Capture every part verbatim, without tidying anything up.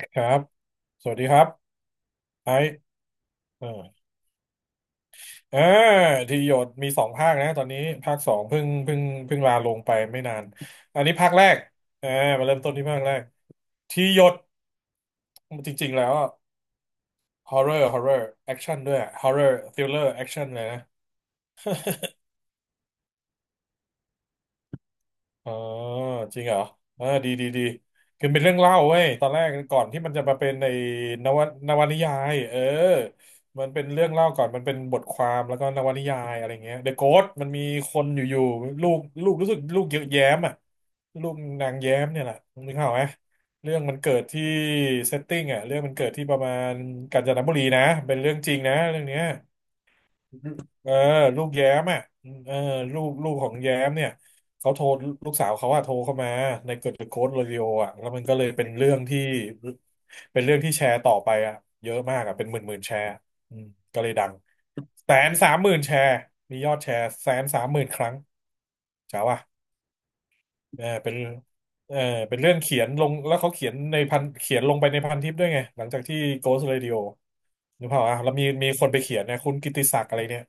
ครับ สวัสดีครับไอซ์เอออ่าทีหยดมีสองภาคนะตอนนี้ภาคสองเพิ่งเพิ่งเพิ่งลาลงไปไม่นาน อันนี้ภาคแรกอ่ามาเริ่มต้นที่ภาคแรก ทีหยดจริงๆแล้วอะ horror horror action ด้วย horror thriller action เลยนะ อ๋อจริงเหรอเออดีดีดีคือเป็นเรื่องเล่าเว้ยตอนแรกก่อนที่มันจะมาเป็นในนวนวนิยายเออมันเป็นเรื่องเล่าก่อนมันเป็นบทความแล้วก็นวนิยายอะไรเงี้ยเดอะโกสมันมีคนอยู่ๆลูกลูกรู้สึกลูกเยอะแย้มอ่ะลูกนางแย้มเนี่ยแหละนึกภาพออกไหมเรื่องมันเกิดที่เซตติ้งอ่ะเรื่องมันเกิดที่ประมาณกาญจนบุรีนะเป็นเรื่องจริงนะเรื่องเนี้ย เออลูกแย้มอ่ะเออลูกลูกของแย้มเนี่ยเขาโทรลูกสาวเขาอะโทรเข้ามาในเกิดโค้ดโรดิโออ่ะแล้วมันก็เลยเป็นเรื่องที่เป็นเรื่องที่แชร์ต่อไปอ่ะเยอะมากอ่ะเป็นหมื่นหมื่นแชร์อืมก็เลยดังแสนสามหมื่นแชร์มียอดแชร์แสนสามหมื่นครั้งจ๋าว่ะ เออเป็นเออเป็นเรื่องเขียนลงแล้วเขาเขียนในพันเขียนลงไปในพันทิปด้วยไงหลังจากที่ Ghost Radio นึกภาพอ่ะแล้วมีมีคนไปเขียนนะคุณกิตติศักดิ์อะไรเนี่ย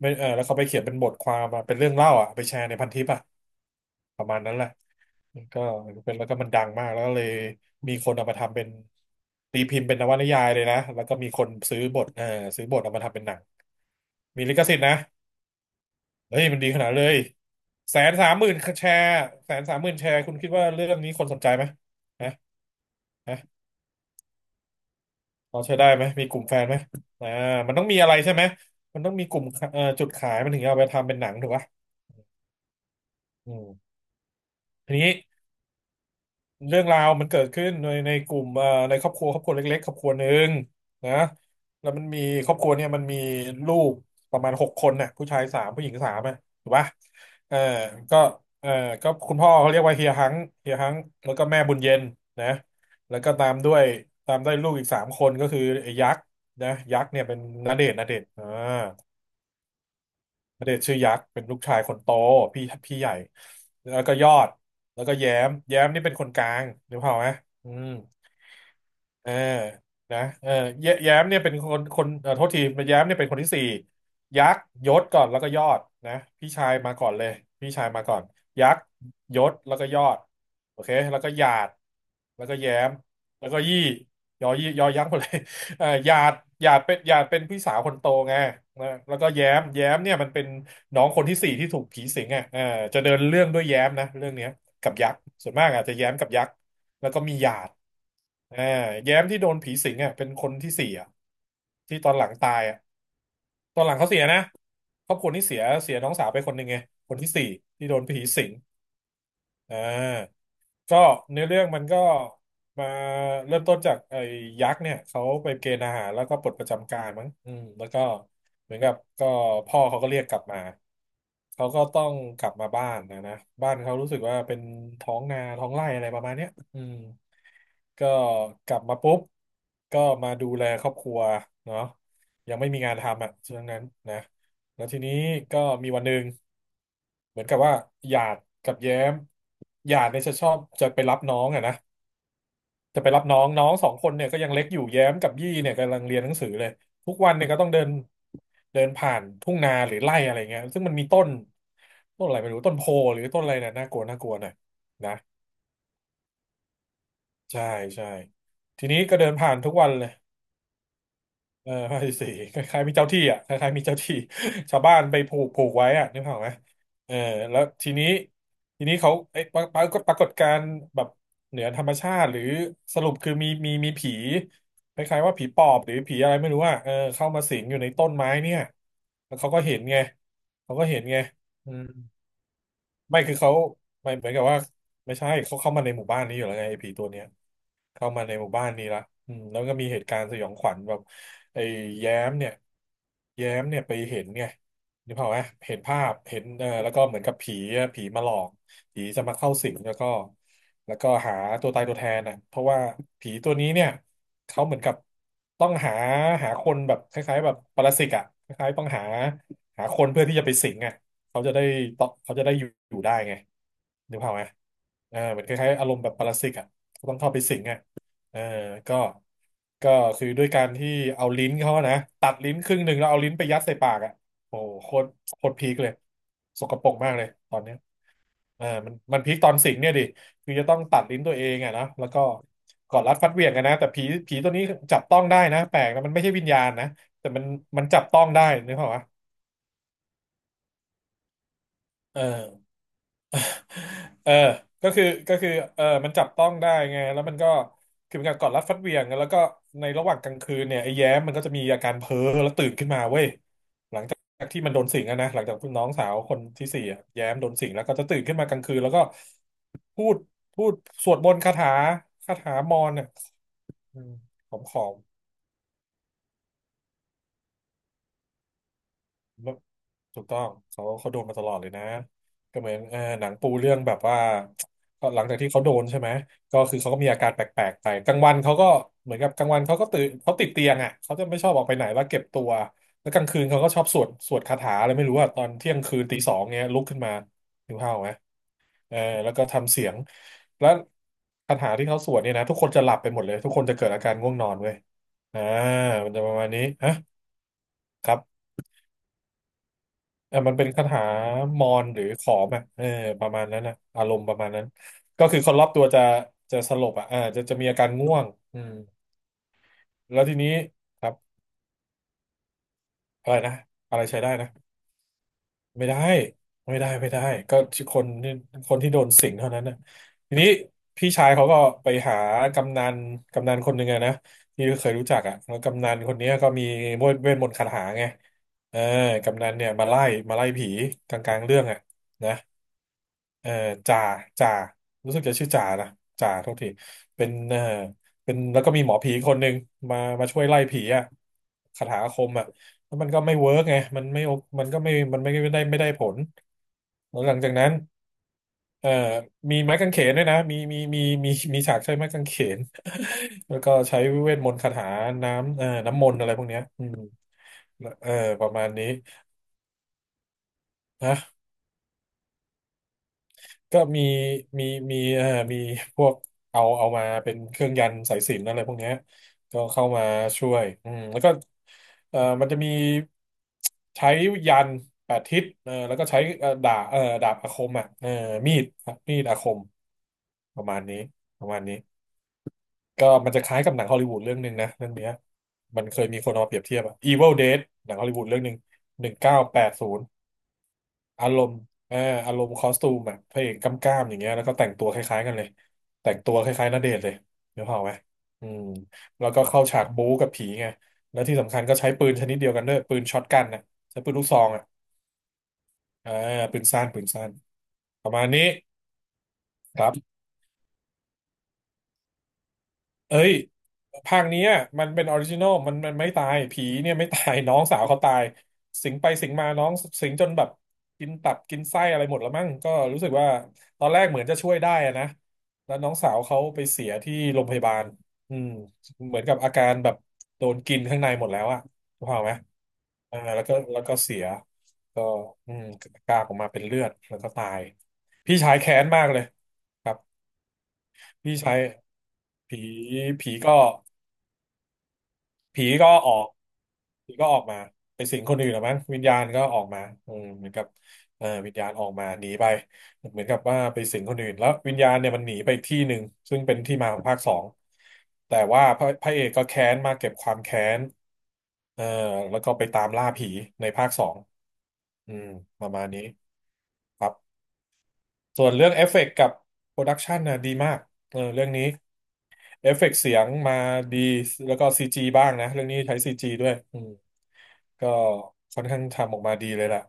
ไม่เออแล้วเขาไปเขียนเป็นบทความมาเป็นเรื่องเล่าอ่ะไปแชร์ในพันทิปอ่ะประมาณนั้นแหละก็เป็นแล้วก็มันดังมากแล้วก็เลยมีคนเอามาทำเป็นตีพิมพ์เป็นนวนิยายเลยนะแล้วก็มีคนซื้อบทเออซื้อบทเอามาทำเป็นหนังมีลิขสิทธิ์นะ เฮ้ยมันดีขนาดเลยแสนสามหมื่นแชร์แสนสามหมื่นแชร์คุณคิดว่าเรื่องนี้คนสนใจไหมนะนะพอใช้ได้ไหมมีกลุ่มแฟนไหมอ่ามันต้องมีอะไรใช่ไหมมันต้องมีกลุ่มเอ่อจุดขายมันถึงจะเอาไปทำเป็นหนังถูกปะอืมทีนี้ เรื่องราวมันเกิดขึ้นในในกลุ่มเอ่อในครอบครัวครอบครัวเล็กๆครอบครัวหนึ่งนะแล้วมันมีครอบครัวเนี่ยมันมีลูกประมาณหกคนน่ะผู้ชายสามผู้หญิงสามอ่ะถูกปะเออก็เออก็คุณพ่อเขาเรียกว่าเฮียฮังเฮียฮังแล้วก็แม่บุญเย็นนะแล้วก็ตามด้วยตามด้วยลูกอีกสามคนก็คือไอ้ยักษ์นะยักษ์เนี่ยเป็นณเดชน์ณเดชน์อ่า ณเดชน์ชื่อยักษ์เป็นลูกชายคนโตพี่พี่ใหญ่แล้วก็ยอดแล้วก็แย้มแย้มนี่เป็นคนกลางนึกภาพไหมอืม เออนะเออแยแย้มเนี่ยเป็นคนคนเอ่อโทษทีแย้มเนี่ยเป็นคนที่สี่ยักษ์ยศก่อนแล้วก็ยอดนะพี่ชายมาก่อนเลยพี่ชายมาก่อนยักษ์ยศแล้วก็ยอดโอเคแล้วก็หยาดแล้วก็แย้มแล้วก็ยี่ยอยี่ยอยักษ์หมดเลย เออหยาดหยาดเป็นหยาดเป็นพี่สาวคนโตไงนะแล้วก็แย้มแย้มเนี่ยมันเป็นน้องคนที่สี่ที่ถูกผีสิงอ่ะเออจะเดินเรื่องด้วยแย้มนะเรื่องเนี้ยกับยักษ์ส่วนมากอาจจะแย้มกับยักษ์ แล้วก็มีหยาดอ่าแย้มที่โดนผีสิงอ่ะเป็นคนที่สี่อ่ะที่ตอนหลังตายอ่ะตอนหลังเขาเสียนะครอบครัวนี้เสียเสียน้องสาวไปคนหนึ่งไงคนที่สี่ที่โดนผีสิงอ่า ก็เนื้อเรื่องมันก็มาเริ่มต้นจากไอ้ยักษ์เนี่ยเขาไปเกณฑ์ทหารแล้วก็ปลดประจำการมั้งอืมแล้วก็เหมือนกับก็พ่อเขาก็เรียกกลับมาเขาก็ต้องกลับมาบ้านนะนะบ้านเขารู้สึกว่าเป็นท้องนาท้องไร่อะไรประมาณเนี้ยอืมก็กลับมาปุ๊บก็มาดูแลครอบครัวเนาะยังไม่มีงานทำอ่ะช่วงนั้นนะแล้วทีนี้ก็มีวันหนึ่ง เหมือนกับว่าหยาดกับแย้มหยาดเนี่ยจะชอบจะไปรับน้องอะนะจะไปรับน้องน้องสองคนเนี่ยก็ยังเล็กอยู่แย้มกับยี่เนี่ยกำลังเรียนหนังสือเลยทุกวันเนี่ยก็ต้องเดินเดินผ่านทุ่งนาหรือไร่อะไรเงี้ยซึ่งมันมีต้นต้นอะไรไม่รู้ต้นโพหรือต้นอะไรเนี่ยน่ากลัวน่ากลัวหน่อยนะใช่ใช่ทีนี้ก็เดินผ่านทุกวันเลย เออภาคที่สี่คล้ายๆมีเจ้าที่อ่ะคล้ายๆมีเจ้าที่ ชาวบ้านไปผูกผูกไว้อ่ะนึกภาพออกไหมเออแล้วทีนี้ทีนี้เขาไอ้ยปรปรากฏปรากฏการณ์แบบเหนือธรรมชาติหรือสรุปคือมีมีมีผีคล้ายๆว่าผีปอบหรือผีอะไรไม่รู้อ่ะเออเข้ามาสิงอยู่ในต้นไม้เนี่ยแล้วเขาก็เห็นไงเขาก็เห็นไงอืมไม่คือเขาไม่เหมือนกับว่าไม่ใช่เขาเข้ามาในหมู่บ้านนี้อยู่แล้วไงไอ้ผีตัวเนี้ย เข้ามาในหมู่บ้านนี้ละอืมแล้วก็มีเหตุการณ์สยองขวัญแบบไอ้แย้มเนี่ยแย้มเนี่ยไปเห็นไงนึกภาพไหมเห็นภาพเห็นเออแล้วก็เหมือนกับผีอะผีมาหลอกผีจะมาเข้าสิงแล้วก็แล้วก็หาตัวตายตัวแทนน่ะเพราะว่าผีตัวนี้เนี่ยเขาเหมือนกับต้องหาหาคนแบบคล้ายๆแบบปรสิตอ่ะคล้ายๆต้องหาหาคนเพื่อที่จะไปสิงอ่ะเขาจะได้ต่อเขาจะได้อยู่อยู่ได้ไงนึกภาพไหมเออเหมือนคล้ายๆอารมณ์แบบปรสิตอ่ะก็ต้องเข้าไปสิงอ่ะ เออก็ก็คือด้วยการที่เอาลิ้นเขาอะนะตัดลิ้นครึ่งหนึ่งแล้วเอาลิ้นไปยัดใส่ปากอ่ะโอ้โหโคตรโคตรพีคเลยสกปรกมากเลยตอนเนี้ยเออมันมันพีคตอนสิงเนี่ยดิคือจะต้องตัดลิ้นตัวเองอ่ะนะแล้วก็กอดรัดฟัดเหวี่ยงกันนะแต่ผีผีตัวนี้จับต้องได้นะแปลกนะมันไม่ใช่วิญญาณนะแต่มันมันจับต้องได้นึกภาพวะเออ เออก็คือก็คือเออมันจับต้องได้ไงแล้วมันก็คือเป็นการกอดรัดฟัดเหวี่ยงแล้วก็ในระหว่างกลางคืนเนี่ยไอ้แย้มมันก็จะมีอาการเพ้อแล้วตื่นขึ้นมาเว้ยจากที่มันโดนสิงอะนะหลังจากน้องสาวคนที่สี่อะแย้มโดนสิงแล้วก็จะตื่นขึ้นมากลางคืน แล้วก็พูดพูดสวดมนต์คาถาคาถามอนเนี่ยอืมขอมขอม แล้วถูกต้องเขาเขาโดนมาตลอดเลยนะก็เหมือนเออหนังปูเรื่องแบบว่าก็หลังจากที่เขาโดนใช่ไหมก็คือเขาก็มีอาการแปลกๆไปกลางวันเขาก็เหมือนกับกลางวันเขาก็ตื่นเขาติดเตียงอ่ะเขาจะไม่ชอบออกไปไหนแล้วเก็บตัวแล้วกลางคืนเขาก็ชอบสวดสวดคาถาอะไรไม่รู้อ่ะตอนเที่ยงคืนตีสองเงี้ยลุกขึ้นมาหิวข้าวไหมเออแล้วก็ทำเสียงแล้วคาถาที่เขาสวดเนี่ยนะทุกคนจะหลับไปหมดเลยทุกคนจะเกิดอาการง่วงนอนเว้ยอ่ามันจะประมาณนี้ฮะครับ อ่ะมันเป็นคาถามอนหรือขอมอ่ะเออประมาณนั้นนะอารมณ์ประมาณนั้นก็คือคนรอบตัวจะจะสลบอ่ะอ่าจะจะมีอาการง่วงอืมแล้วทีนี้ครับอะไรนะอะไรใช้ได้นะไม่ได้ไม่ได้ไม่ได้ก็คนที่คนที่โดนสิงเท่านั้นนะทีนี้พี่ชายเขาก็ไปหากำนันกำนันคนหนึ่งอะนะที่เคยรู้จักอ่ะแล้วกำนันคนเนี้ยก็มีเวทเวทมนต์คาถาไงเออกำนันเนี่ยมาไล่มาไล่ผีกลางๆเรื่องอ่ะนะ เอ่อจ่าจ่ารู้สึกจะชื่อจ่านะจ่าโทษทีเป็นเอ่อเป็นแล้วก็มีหมอผีคนหนึ่งมามาช่วยไล่ผีอ่ะคาถาอาคมอ่ะแล้วมันก็ไม่เวิร์กไงมันไม่โอมันก็ไม่มันไม่ได้ไม่ได้ผลแล้วหลังจากนั้นเอ่อมีไม้กางเขนด้วยนะมีมีมีมีมีฉากใช้ไม้กางเขน แล้วก็ใช้เวทมนต์คาถาน้ำเอ่อน้ำมนต์อะไรพวกเนี้ยอืมเออประมาณนี้นะ ก็มีมีมีเอ่อมีพวกเอาเอามาเป็นเครื่องยันต์สายสิญจน์อะไรพวกเนี้ยก็เข้ามาช่วยอืมแล้วก็เอ่อมันจะมีใช้ยันต์แปดทิศเออแล้วก็ใช้เอ่อดาบเอ่อดาบอาคมอ่ะเออมีดมีดอาคมประมาณนี้ประมาณนี้ก็มันจะคล้ายกับหนังฮอลลีวูดเรื่องหนึ่งนะเรื่องเนี้ยมันเคยมีคนเอามาเปรียบเทียบอะ Evil Dead หนังฮอลลีวูดเรื่องหนึ่งหนึ่งเก้าแปดศูนย์ อารมณ์เอออารมณ์คอสตูมแบบพระเอกกำกล้ามอย่างเงี้ยแล้วก็แต่งตัวคล้ายๆกันเลย แต่งตัวคล้ายๆณเดชน์เลยเดี๋ยวเผาไหมอืมแล้วก็เข้าฉากบู๊กับผีไงแล้วที่สำคัญก็ใช้ปืนชนิดเดียวกันด้วย ปืนช็อตกันนะใช้ปืนลูกซองอ่ะเออปืนสั้นปืนสั้นประมาณนี้ครับ เอ้ยภาคเนี้ยมันเป็นออริจินอลมันมันไม่ตายผีเนี่ยไม่ตาย น้องสาวเขาตายสิงไปสิงมาน้องสิงจนแบบกินตับกินไส้อะไรหมดแล้วมั้งก็รู้สึกว่าตอนแรกเหมือนจะช่วยได้อะนะแล้วน้องสาวเขาไปเสียที่โรงพยาบาลอืมเหมือนกับอาการแบบโดนกินข้างในหมดแล้วอะถูกไหมอ่าแล้วก็แล้วก็เสียก็อืมกากออกมาเป็นเลือดแล้วก็ตายพี่ชายแค้นมากเลยครับพี่ชายผีผีก็ ผีก็ออกผีก็ออกมาไปสิงคนอื่นหรือมั้งวิญญาณก็ออกมาอืมเหมือนกับเอ่อวิญญาณออกมาหนีไปเหมือนกับว่าไปสิงคนอื่นแล้ววิญญาณเนี่ยมันหนีไปอีกที่หนึ่งซึ่งเป็นที่มาของภาคสองแต่ว่าพระพระเอกก็แค้นมาเก็บความแค้นเอ่อแล้วก็ไปตามล่าผีในภาคสองอืมประมาณนี้ครับส่วนเรื่องเอฟเฟกต์กับโปรดักชันนะดีมากเออเรื่องนี้เอฟเฟกต์เสียงมาดีแล้วก็ซีจีบ้างนะเรื่องนี้ใช้ซีจีด้วย ก็ค่อนข้างทำออกมาดีเลยล่ะ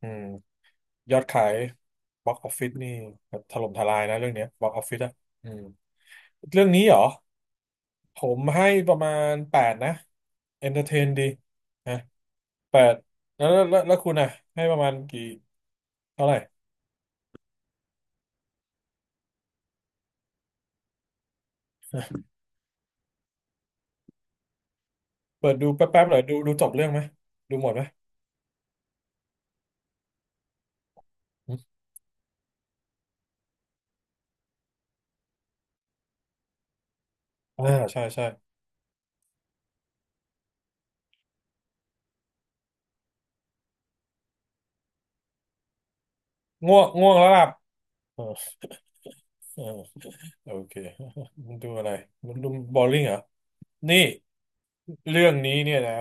อืมยอดขายบล็อกออฟฟิศนี่แบบถล่มทลายนะเรื่องเนี้ยบล็อกออฟฟิศอะอืมเรื่องนี้เหรอผมให้ประมาณแปดนะเอนเตอร์เทนดีนะแปดแล้วแล้วแล้วแล้วคุณอะให้ประมาณกี่เท่าไหร่เปิดดูแป๊บๆหน่อยดูดูจบเรื่องไหมดูหมดไหมอมอ่าใช่ใช่ง่วงง่วงแล้วหลับเออเออ โอเค มันดูอะไรมันดูบอลลิงเหรอนี่เรื่องนี้เนี่ยนะ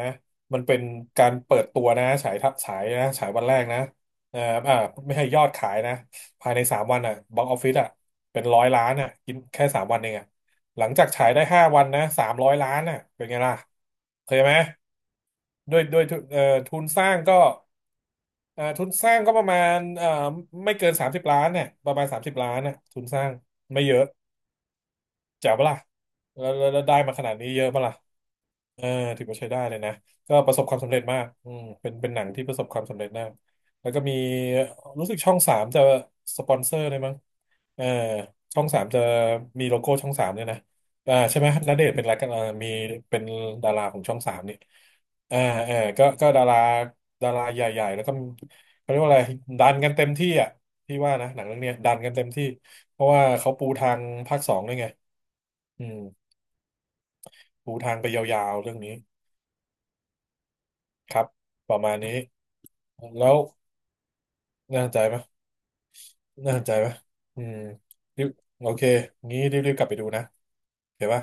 มันเป็นการเปิดตัวนะฉายทัฉายนะฉายวันแรกนะเอ่ออ่าไม่ให้ยอดขายนะภายในสามวันอ่ะบ็อกออฟฟิศอ่ะเป็นร้อยล้านอ่ะกินแค่สามวันเองอ่ะหลังจากฉายได้ห้าวันนะสามร้อยล้านอ่ะเป็นไงล่ะเคยไหมด้วยด้วยทุนเอ่อทุนสร้างก็เอ่อทุนสร้างก็ประมาณเอ่อไม่เกินสามสิบล้านเนี่ยประมาณสามสิบล้านน่ะทุนสร้างไม่เยอะ แจ๋วปะล่ะแล้วแล้วแล้วได้มาขนาดนี้เยอะปะล่ะเออถือว่าใช้ได้เลยนะก็ประสบความสำเร็จมากอืมเป็นเป็นหนังที่ประสบความสำเร็จมากแล้วก็มีรู้สึกช่องสามจะสปอนเซอร์เลยมั้งเออช่องสามจะมีโลโก้ช่องสามเนี่ยนะอ่าใช่ไหมณเดชน์เป็นอะไรกันอ่อมีเป็นดาราของช่องสามนี่เออเออก็ก็ดาราดาราใหญ่ๆแล้วก็เขาเรียกว่าอะไรดันกันเต็มที่อ่ะพี่ว่านะหนังเรื่องเนี้ยดันกันเต็มที่เพราะว่าเขาปูทางภาคสองด้วยไง อืมปูทางไปยาวๆเรื่องนี้ครับประมาณนี้แล้วน่าสนใจปะน่าสนใจปะอืมรีบโอเคงี้รีบๆกลับไปดูนะโอเคปะ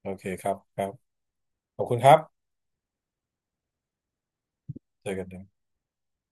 โอเคครับครับขอบคุณครับเจอกันนะ